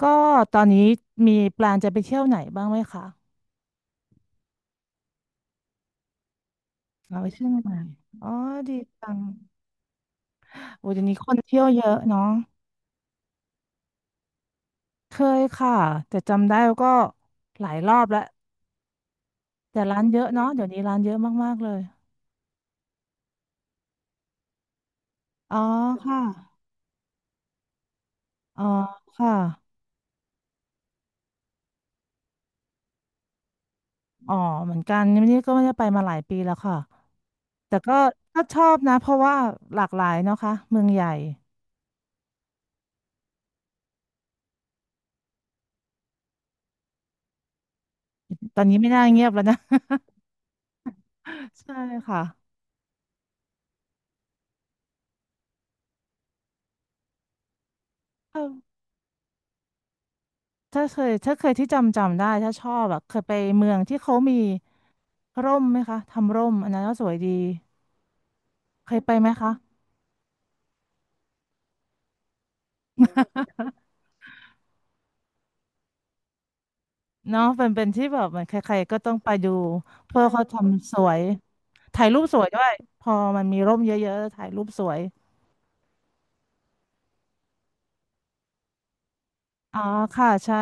ก็ตอนนี้มีแปลนจะไปเที่ยวไหนบ้างไหมคะเราไปเที่ยวไหนอ๋อดีจังโอ้เดี๋ยวนี้คนเที่ยวเยอะเนาะเคยค่ะแต่จำได้ก็หลายรอบแล้วแต่ร้านเยอะเนาะเดี๋ยวนี้ร้านเยอะมากๆเลยอ๋อค่ะอ๋อค่ะอ๋อเหมือนกันนี่ก็ไม่ได้ไปมาหลายปีแล้วค่ะแต่ก็ก็ชอบนะเพราะว่าหลากหลายเนาะค่ะเมืองใหญ่ตอนนี้ไม่น่าเงียบแล้วนะ ใช่ค่ะ ถ้าเคยที่จำได้ถ้าชอบอะเคยไปเมืองที่เขามีร่มไหมคะทำร่มอันนั้นก็สวยดีเคยไปไหมคะเนาะเป็นที่แบบเหมือนใครๆก็ต้องไปดูเพื่อเขาทำสวยถ่ายรูปสวยด้วยพอมันมีร่มเยอะๆถ่ายรูปสวยอ๋อค่ะใช่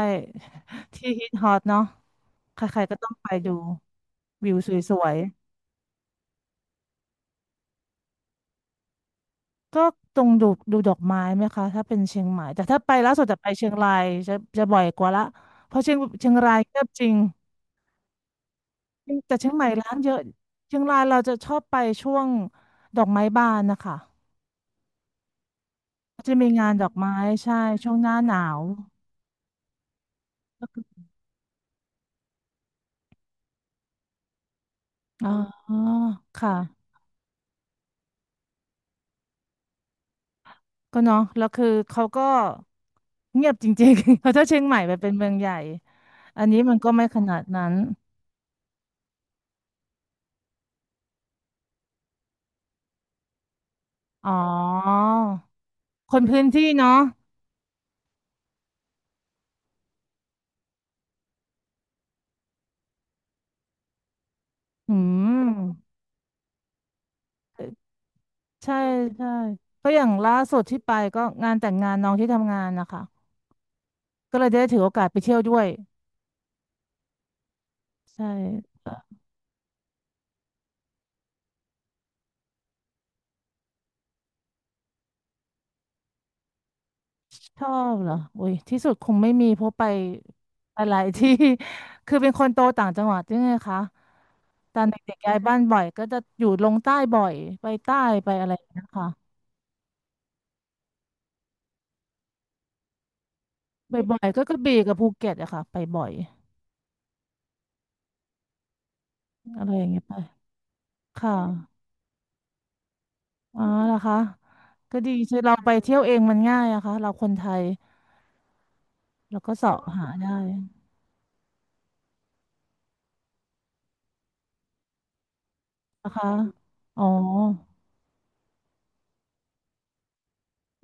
ที่ฮิตฮอตเนาะใครๆก็ต้องไปดูวิวสวย ก็ตรงดูดอกไม้ไหมคะถ้าเป็นเชียงใหม่แต่ถ้าไปล่าสุดจะไปเชียงรายจะบ่อยกว่าละเพราะเชียงรายเงียบจริงแต่เชียงใหม่ร้านเยอะเชียงรายเราจะชอบไปช่วงดอกไม้บานนะคะจะมีงานดอกไม้ใช่ช่วงหน้าหนาวอ๋อค่ะก็เนาะแล้วคือเขาก็เงียบจริงๆ เพราะถ้าเชียงใหม่ไปเป็นเมืองใหญ่อันนี้มันก็ไม่ขนาดนั้นอ๋อคนพื้นที่เนาะอืม ใช่ใช่เพราะอย่างล่าสุดที่ไปก็งานแต่งงานน้องที่ทำงานนะคะก็เลยได้ถือโอกาสไปเที่ยวด้วยใช่ค่ะชอบเหรออุ้ยที่สุดคงไม่มีเพราะไปหลายที่ คือเป็นคนโตต่างจังหวัดด้วยไงคะตอนเด็กๆย้ายบ้านบ่อยก็จะอยู่ลงใต้บ่อยไปใต้ไปอะไรนะคะบ่อยๆก็กระบี่กับภูเก็ตอะค่ะไปบ่อยอะไรอย่างเงี้ยไปค่ะอ๋อเหรอคะก็ดีคือเราไปเที่ยวเองมันง่ายอะค่ะเราคนไทย แล้วก็เสาะหาได้นะคะอ๋อ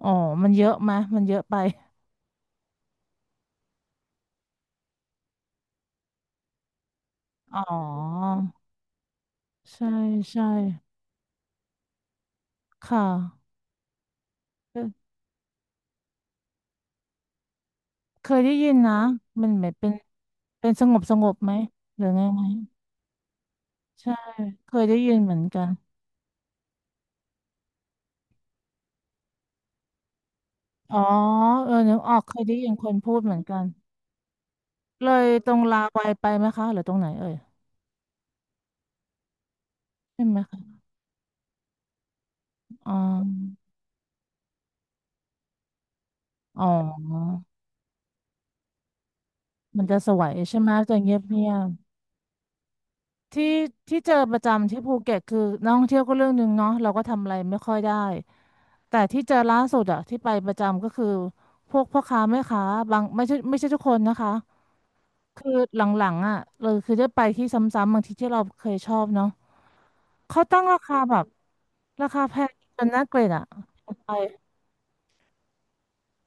อ๋อมันเยอะไหมะมันเยอะไปอ๋อใช่ใช่ค่ะเคยเคยได้ยินนะมันเหมือนเป็นสงบไหมหรือไงไงใช่เคยได้ยินเหมือนกันอ๋อเออนึกออกเคยได้ยินคนพูดเหมือนกันเลยตรงลาวัยไปไหมคะ หรือตรงไหนเอ่ยใช่ไหมคะอ๋ออ๋อมันจะสวยใช่ไหมจะเงียบที่ที่เจอประจำที่ภูเก็ตคือนักท่องเที่ยวก็เรื่องหนึ่งเนาะเราก็ทำอะไรไม่ค่อยได้แต่ที่เจอล่าสุดอะที่ไปประจำก็คือพวกพ่อค้าแม่ค้าบางไม่ใช่ทุกคนนะคะคือหลังๆอะเราคือได้ไปที่ซ้ำๆบางทีที่เราเคยชอบเนาะเขาตั้งราคาแบบราคาแพงจนน่าเกลียดอะไป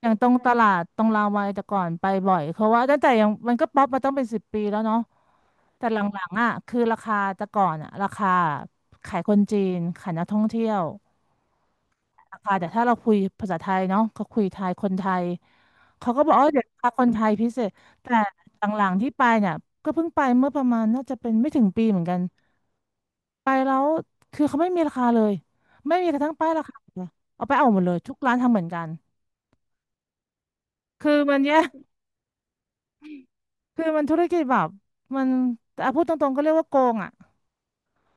อย่างตรงตลาดตรงรามวาแต่ก่อนไปบ่อยเพราะว่าตั้งแต่ยังมันก็ป๊อปมาต้องเป็นสิบปีแล้วเนาะแต่หลังๆอ่ะคือราคาแต่ก่อนอ่ะราคาขายคนจีนขายนักท่องเที่ยวราคาแต่ถ้าเราคุยภาษาไทยเนาะก็คุยไทยคนไทยเขาก็บอกอ๋อเดี๋ยวราคาคนไทยพิเศษแต่หลังๆที่ไปเนี่ยก็เพิ่งไปเมื่อประมาณน่าจะเป็นไม่ถึงปีเหมือนกันไปแล้วคือเขาไม่มีราคาเลยไม่มีกระทั่งป้ายราคาเลยเอาไปเอาหมดเลยทุกร้านทำเหมือนกันคือมันแย่ คือมันธุรกิจแบบมันอ่ะพูดตรงๆก็เรียกว่าโกงอ่ะ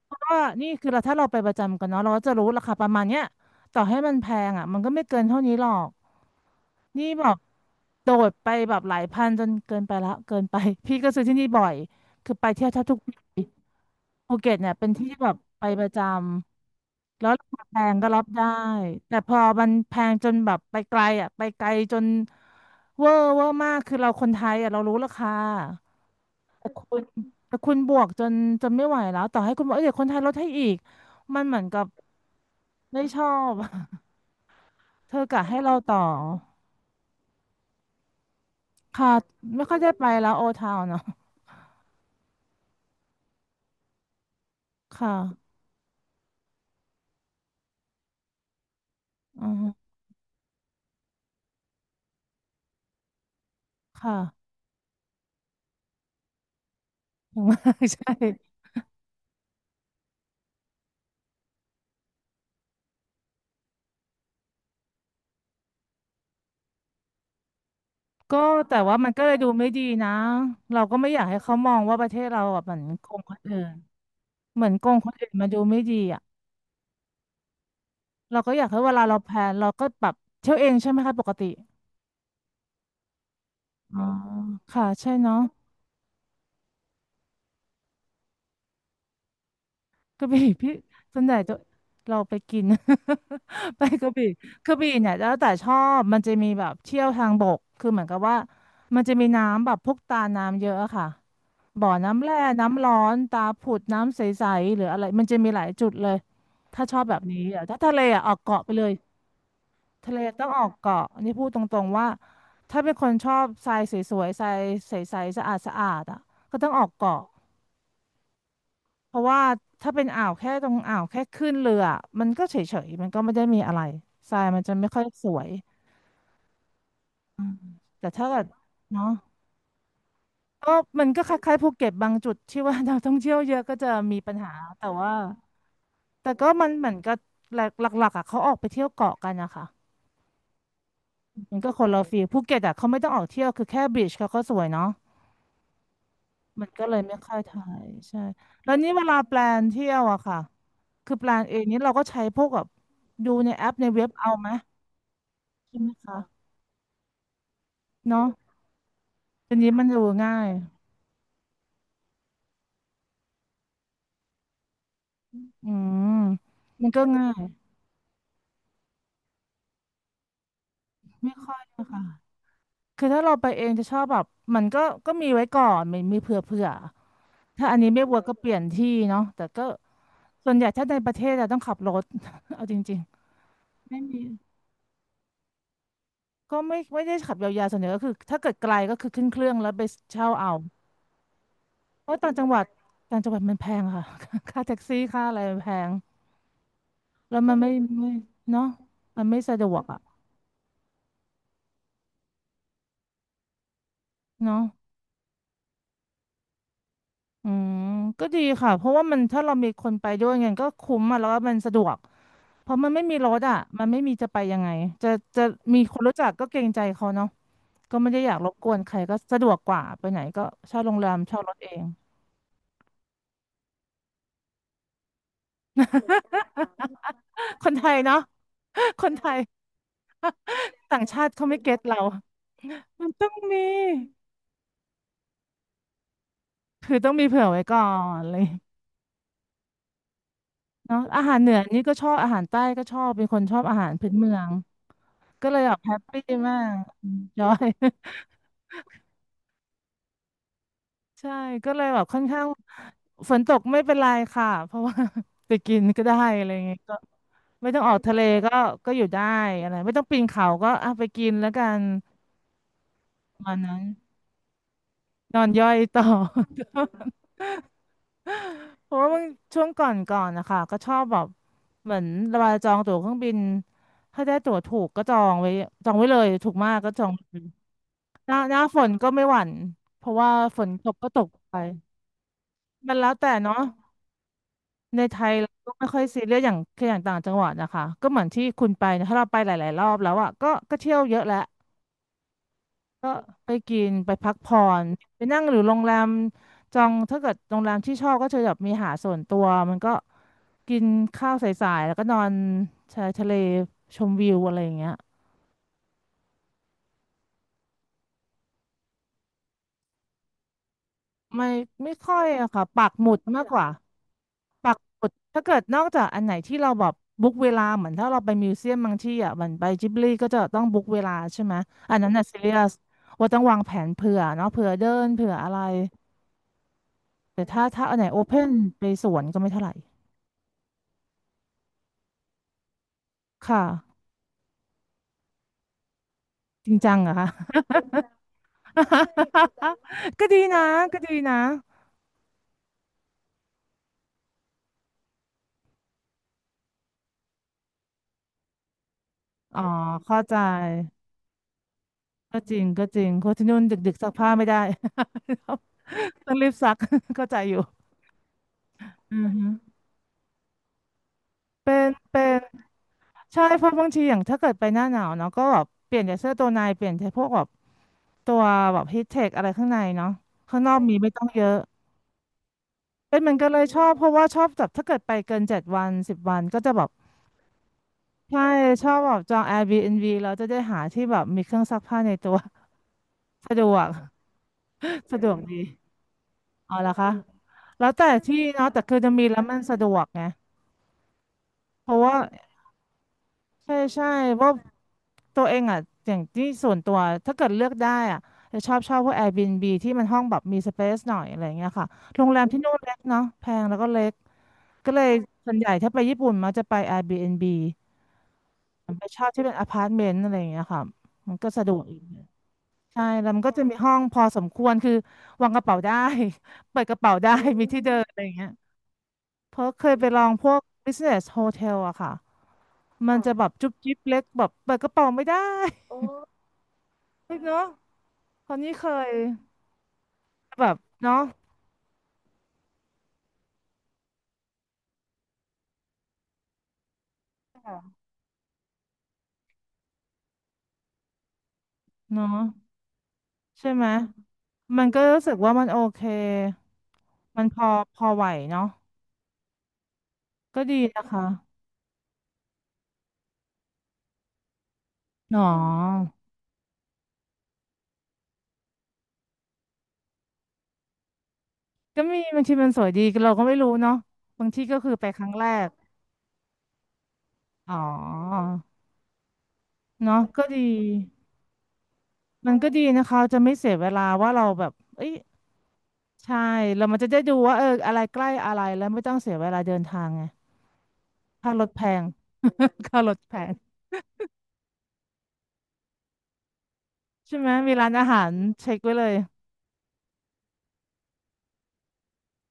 เพราะว่านี่คือเราถ้าเราไปประจำกันเนาะเราก็จะรู้ราคาประมาณเนี้ยต่อให้มันแพงอ่ะมันก็ไม่เกินเท่านี้หรอกนี่แบบโดดไปแบบหลายพันจนเกินไปละเกินไป พี่ก็ซื้อที่นี่บ่อยคือไปเที่ยวแทบทุกปีภูเก็ตเนี่ยเป็นที่ที่แบบไปประจำแล้วราคาแพงก็รับได้แต่พอมันแพงจนแบบไปไกลอ่ะไปไกลจนเวอร์เวอร์มากคือเราคนไทยอ่ะเรารู้ราคา แต่คุณแต่คุณบวกจนไม่ไหวแล้วต่อให้คุณบอกเอ้ยเดี๋ยวคนไทยลดให้อีกมันเหมือนกับไม่ชอบ เธอกะให้เราต่อค่ะไม่ค่อยได้ไปแล้วโอทาวเนาะค่ะอืมค่ะ อย่างมากใช่ก็แต่ว่ามันก็เลยดูไม่ดีนะเราก็ไม่อยากให้เขามองว่าประเทศเราแบบเหมือนโกงคนอื่นเหมือนโกงคนอื่นมาดูไม่ดีอ่ะเราก็อยากให้เวลาเราแพลนเราก็แบบเที่ยวเองใช่ไหมคะปกติอ๋อค่ะใช่เนาะ กระบี่ พี่ส่วนใหญ่จะเราไปกิน ไปกระบี่กระบี่เนี่ยแล้วแต่ชอบมันจะมีแบบเที่ยวทางบกคือเหมือนกับว่ามันจะมีน้ำแบบพวกตาน้ำเยอะอะค่ะบ่อน้ำแร่น้ำร้อนตาผุดน้ำใสๆหรืออะไรมันจะมีหลายจุดเลยถ้าชอบแบบนี้อะถ้าทะเลอะออกเกาะไปเลยทะเลต้องออกเกาะอันนี่พูดตรงๆว่าถ้าเป็นคนชอบทรายสวยๆทรายใสๆสะอาดๆอะก็ต้องออกเกาะ เพราะว่าถ้าเป็นอ่าวแค่ตรงอ่าวแค่ขึ้นเรือมันก็เฉยๆมันก็ไม่ได้มีอะไรทรายมันจะไม่ค่อยสวยอืมแต่ถ้าเกิดเนาะก็มันก็คล้ายๆภูเก็ตบางจุดที่ว่า นักท่องเที่ยวเยอะก็จะมีปัญหาแต่ว่าแต่ก็มันเหมือนกับหลักหลักๆอ่ะเขาออกไปเที่ยวเกาะกันนะคะมันก็คนละฟีลภูเก็ตอ่ะเขาไม่ต้องออกเที่ยวคือแค่บีชเขาก็สวยเนาะมันก็เลยไม่ค่อยถ่ายใช่แล้วนี่เวลาแปลนเที่ยวอะค่ะคือแปลนเองนี้เราก็ใช้พวกแบบดูในแอปในเว็บเอาไหม ใช่ไหมคะเนาะทีนี้มันดูง่ายอืมมันก็ง่ายไม่ค่อยนะคะคือถ้าเราไปเองจะชอบแบบมันก็มีไว้ก่อนมีเผื่อเผื่อถ้าอันนี้ไม่เวิร์กก็เปลี่ยนที่เนาะแต่ก็ส่วนใหญ่ถ้าในประเทศเราต้องขับรถ เอาจริงๆไม่มีก็ไม่ได้ขับยาวๆส่วนใหญ่ก็คือถ้าเกิดไกลก็คือขึ้นเครื่องแล้วไปเช่าเอาเพราะต่างจังหวัดต่างจังหวัดมันแพงค่ะ ค่าแท็กซี่ค่าอะไรมันแพงแล้วมันไม่ไม่เนาะมันไม่สะดวกอ่ะเนาะ อืมก็ดีค่ะเพราะว่ามันถ้าเรามีคนไปด้วยเงี้ยก็คุ้มอ่ะแล้วก็มันสะดวกเพราะมันไม่มีรถอ่ะมันไม่มีจะไปยังไงจะจะมีคนรู้จักก็เกรงใจเขาเนาะก็ไม่ได้อยากรบกวนใครก็สะดวกกว่าไปไหนก็เช่าโรงแรมเช่ารถเองคนไทยเนาะคนไทยต่างชาติเขาไม่เก็ตเรามันต้องมีคือต้องมีเผื่อไว้ก่อนเลยเนาะอาหารเหนือนี่ก็ชอบอาหารใต้ก็ชอบเป็นคนชอบอาหารพื้นเมืองก็เลยแบบแฮปปี้มากจอย ใช่ก็เลยแบบค่อนข้างฝนตกไม่เป็นไรค่ะเพราะว่า ไปกินก็ได้อะไรเงี้ยก็ไม่ต้องออกทะเลก็ก็อยู่ได้อะไรไม่ต้องปีนเขาก็อ่ะไปกินแล้วกันประมาณนั้นนอนย่อยต่อ เพราะว่าบางช่วงก่อนนะคะก็ชอบแบบเหมือนเวลาจองตั๋วเครื่องบินถ้าได้ตั๋วถูกก็จองไว้จองไว้เลยถูกมากก็จองเลยหน้าฝนก็ไม่หวั่นเพราะว่าฝนตกก็ตกไปมันแล้วแต่เนาะ ในไทยเราก็ไม่ค่อยซีเรียสอย่างคืออย่างต่างจังหวัดนะคะก็เหมือนที่คุณไปนะถ้าเราไปหลายๆรอบแล้วอ่ะก็ก็เที่ยวเยอะแล้วก็ไปกินไปพักผ่อนไปนั่งหรือโรงแรมจองถ้าเกิดโรงแรมที่ชอบก็จะแบบมีหาดส่วนตัวมันก็กินข้าวสายๆแล้วก็นอนชายทะเลชมวิวอะไรอย่างเงี้ยไม่ไม่ค่อยอะค่ะปักหมุดมากกว่า ปักหมุดถ้าเกิดนอกจากอันไหนที่เราแบบบุ๊กเวลาเหมือนถ้าเราไปมิวเซียมบางที่อ่ะเหมือนไปจิบลีก็จะต้องบุ๊กเวลาใช่ไหมอันนั้นน่ะซีเรียสว่าต้องวางแผนเผื่อเนาะเผื่อเดินเผื่ออะไรแต่ถ้าถ้าอันไหนโอเพนไปสวนก็ไม่เท่าไหร่ค่ะจริงจังเหรอคะ ก็ดีนะก็ดีนะอ๋อเข้าใจก็จริงก็จริงเพราะที่นู่นดึกๆซักผ้าไม่ได้ ต้องรีบซัก เข้าใจอยู่อือฮึ เป็นใช่เพราะบางทีอย่างถ้าเกิดไปหน้าหนาวเนาะก็แบบเปลี่ยนจากเสื้อตัวในเปลี่ยนใชพวกแบบตัวแบบฮีทเทคอะไรข้างในเนาะข้างนอกมีไม่ต้องเยอะเป็นเหมือนกันเลยชอบเพราะว่าชอบแบบถ้าเกิดไปเกิน7 วัน10 วันก็จะแบบใช่ชอบแบบจอง Airbnb แล้วจะได้หาที่แบบมีเครื่องซักผ้าในตัว สะดวก สะดวกดีเอาละคะแล้วแต่ที่เนาะแต่คือจะมีแล้วมันสะดวกไงเพราะว่า ใช่ใช่เพราะตัวเองอ่ะอย่างที่ส่วนตัวถ้าเกิดเลือกได้อ่ะจะชอบชอบพวก Airbnb ที่มันห้องแบบมีสเปซหน่อยอะไรเงี้ยค่ะโรงแรมที่นู่นเล็กเนาะแพงแล้วก็เล็กก็เลยส่วนใหญ่ถ้าไปญี่ปุ่นมักจะไป Airbnb ไปเชอบที่เป็นอพาร์ตเมนต์อะไรอย่างเงี้ยค่ะมันก็สะดวกอีกใช่แล้วมันก็จะมีห้องพอสมควรคือวางกระเป๋าได้ เปิดกระเป๋าได้มีที่เดินอะไรเงี้ย เพราะเคยไปลองพวก business hotel อะค่ะมันค่ะจะแบบจุ๊บจิ๊บเล็กแบบเปิดกระเป๋าไม่ได้โอ้ เนาะคราวนี้เคยแบบเนาะเนาะใช่ไหมมันก็รู้สึกว่ามันโอเคมันพอพอไหวเนาะก็ดีนะคะหนอก็มีบางทีมันสวยดีเราก็ไม่รู้เนาะบางที่ก็คือไปครั้งแรกอ๋อเนาะก็ดีมันก็ดีนะคะจะไม่เสียเวลาว่าเราแบบเอ้ย ใช่แล้วมันจะได้ดูว่าเอออะไรใกล้อะไรแล้วไม่ต้องเสียเวลาเดินทางไงค่ารถแพง ค่ารถแพงใช่ไหม มีร้านอาหารเช็คไว้เลย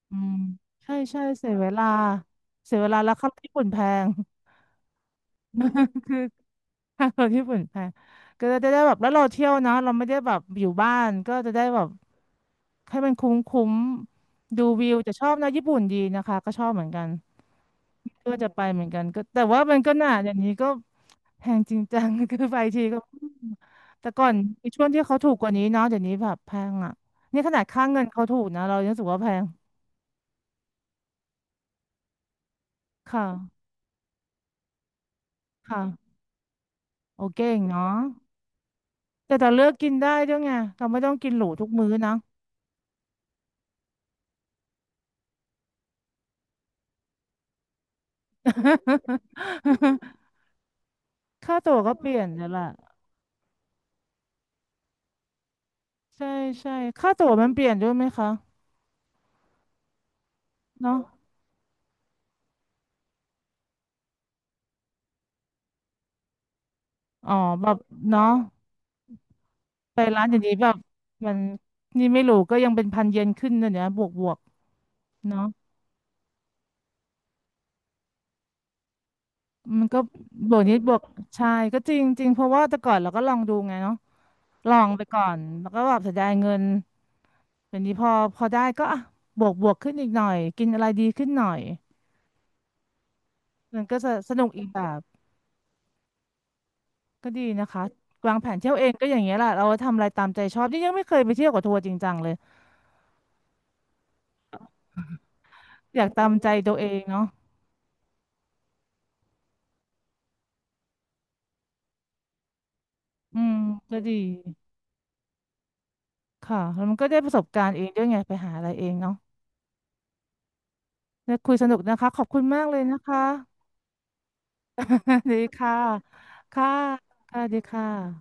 อืมใช่ใช่เสียเวลา เสียเวลาแล้วค่ารถญี่ปุ่นแพง คือค่ารถญี่ปุ่นแพงก็จะได้แบบแล้วเราเที่ยวเนอะเราไม่ได้แบบอยู่บ้านก็จะได้แบบให้มันคุ้มคุ้มดูวิวจะชอบนะญี่ปุ่นดีนะคะก็ชอบเหมือนกัน ก็จะไปเหมือนกันก็แต่ว่ามันก็หนาอย่างนี้ก็แพงจริงจัง คือไปทีก็อืมแต่ก่อนมีช่วงที่เขาถูกกว่านี้เนาะเดี๋ยวนี้แบบแพงอ่ะนี่ขนาดค่าเงินเขาถูกนะเรายังรู้สึกว่าแพงค่ะค่ะโอเคเองเนาะแต่แต่เลือกกินได้ด้วยไงเราไม่ต้องกินหรูทุกมื้อนะ ค่าตั๋วก็เปลี่ยนแล้วล่ะใช่ใช่ค่าตั๋วมันเปลี่ยนด้วยไหมคะเนาะอ๋อแบบเนาะ ไปร้านอย่างนี้แบบมันนี่ไม่รู้ก็ยังเป็นพันเยนขึ้นนะเนี่ยบวกบวกเนาะมันก็บวกนิดบวกใช่ก็จริงจริงเพราะว่าแต่ก่อนเราก็ลองดูไงเนาะลองไปก่อนแล้วก็แบบเสียดายเงินอย่างนี้พอพอได้ก็อ่ะบวกบวกขึ้นอีกหน่อยกินอะไรดีขึ้นหน่อยมันก็จะสนุกอีกแบบก็ดีนะคะวางแผนเที่ยวเองก็อย่างเงี้ยแหละเราทำอะไรตามใจชอบนี่ยังไม่เคยไปเที่ยวกับทัวร์จริงจังเลยอยากตามใจตัวเองเนาะอืมก็ดีค่ะแล้วมันก็ได้ประสบการณ์เองด้วยไงไปหาอะไรเองเนาะ ได้คุยสนุกนะคะขอบคุณมากเลยนะคะ ดีค่ะ ค่ะค่ะดีค่ะ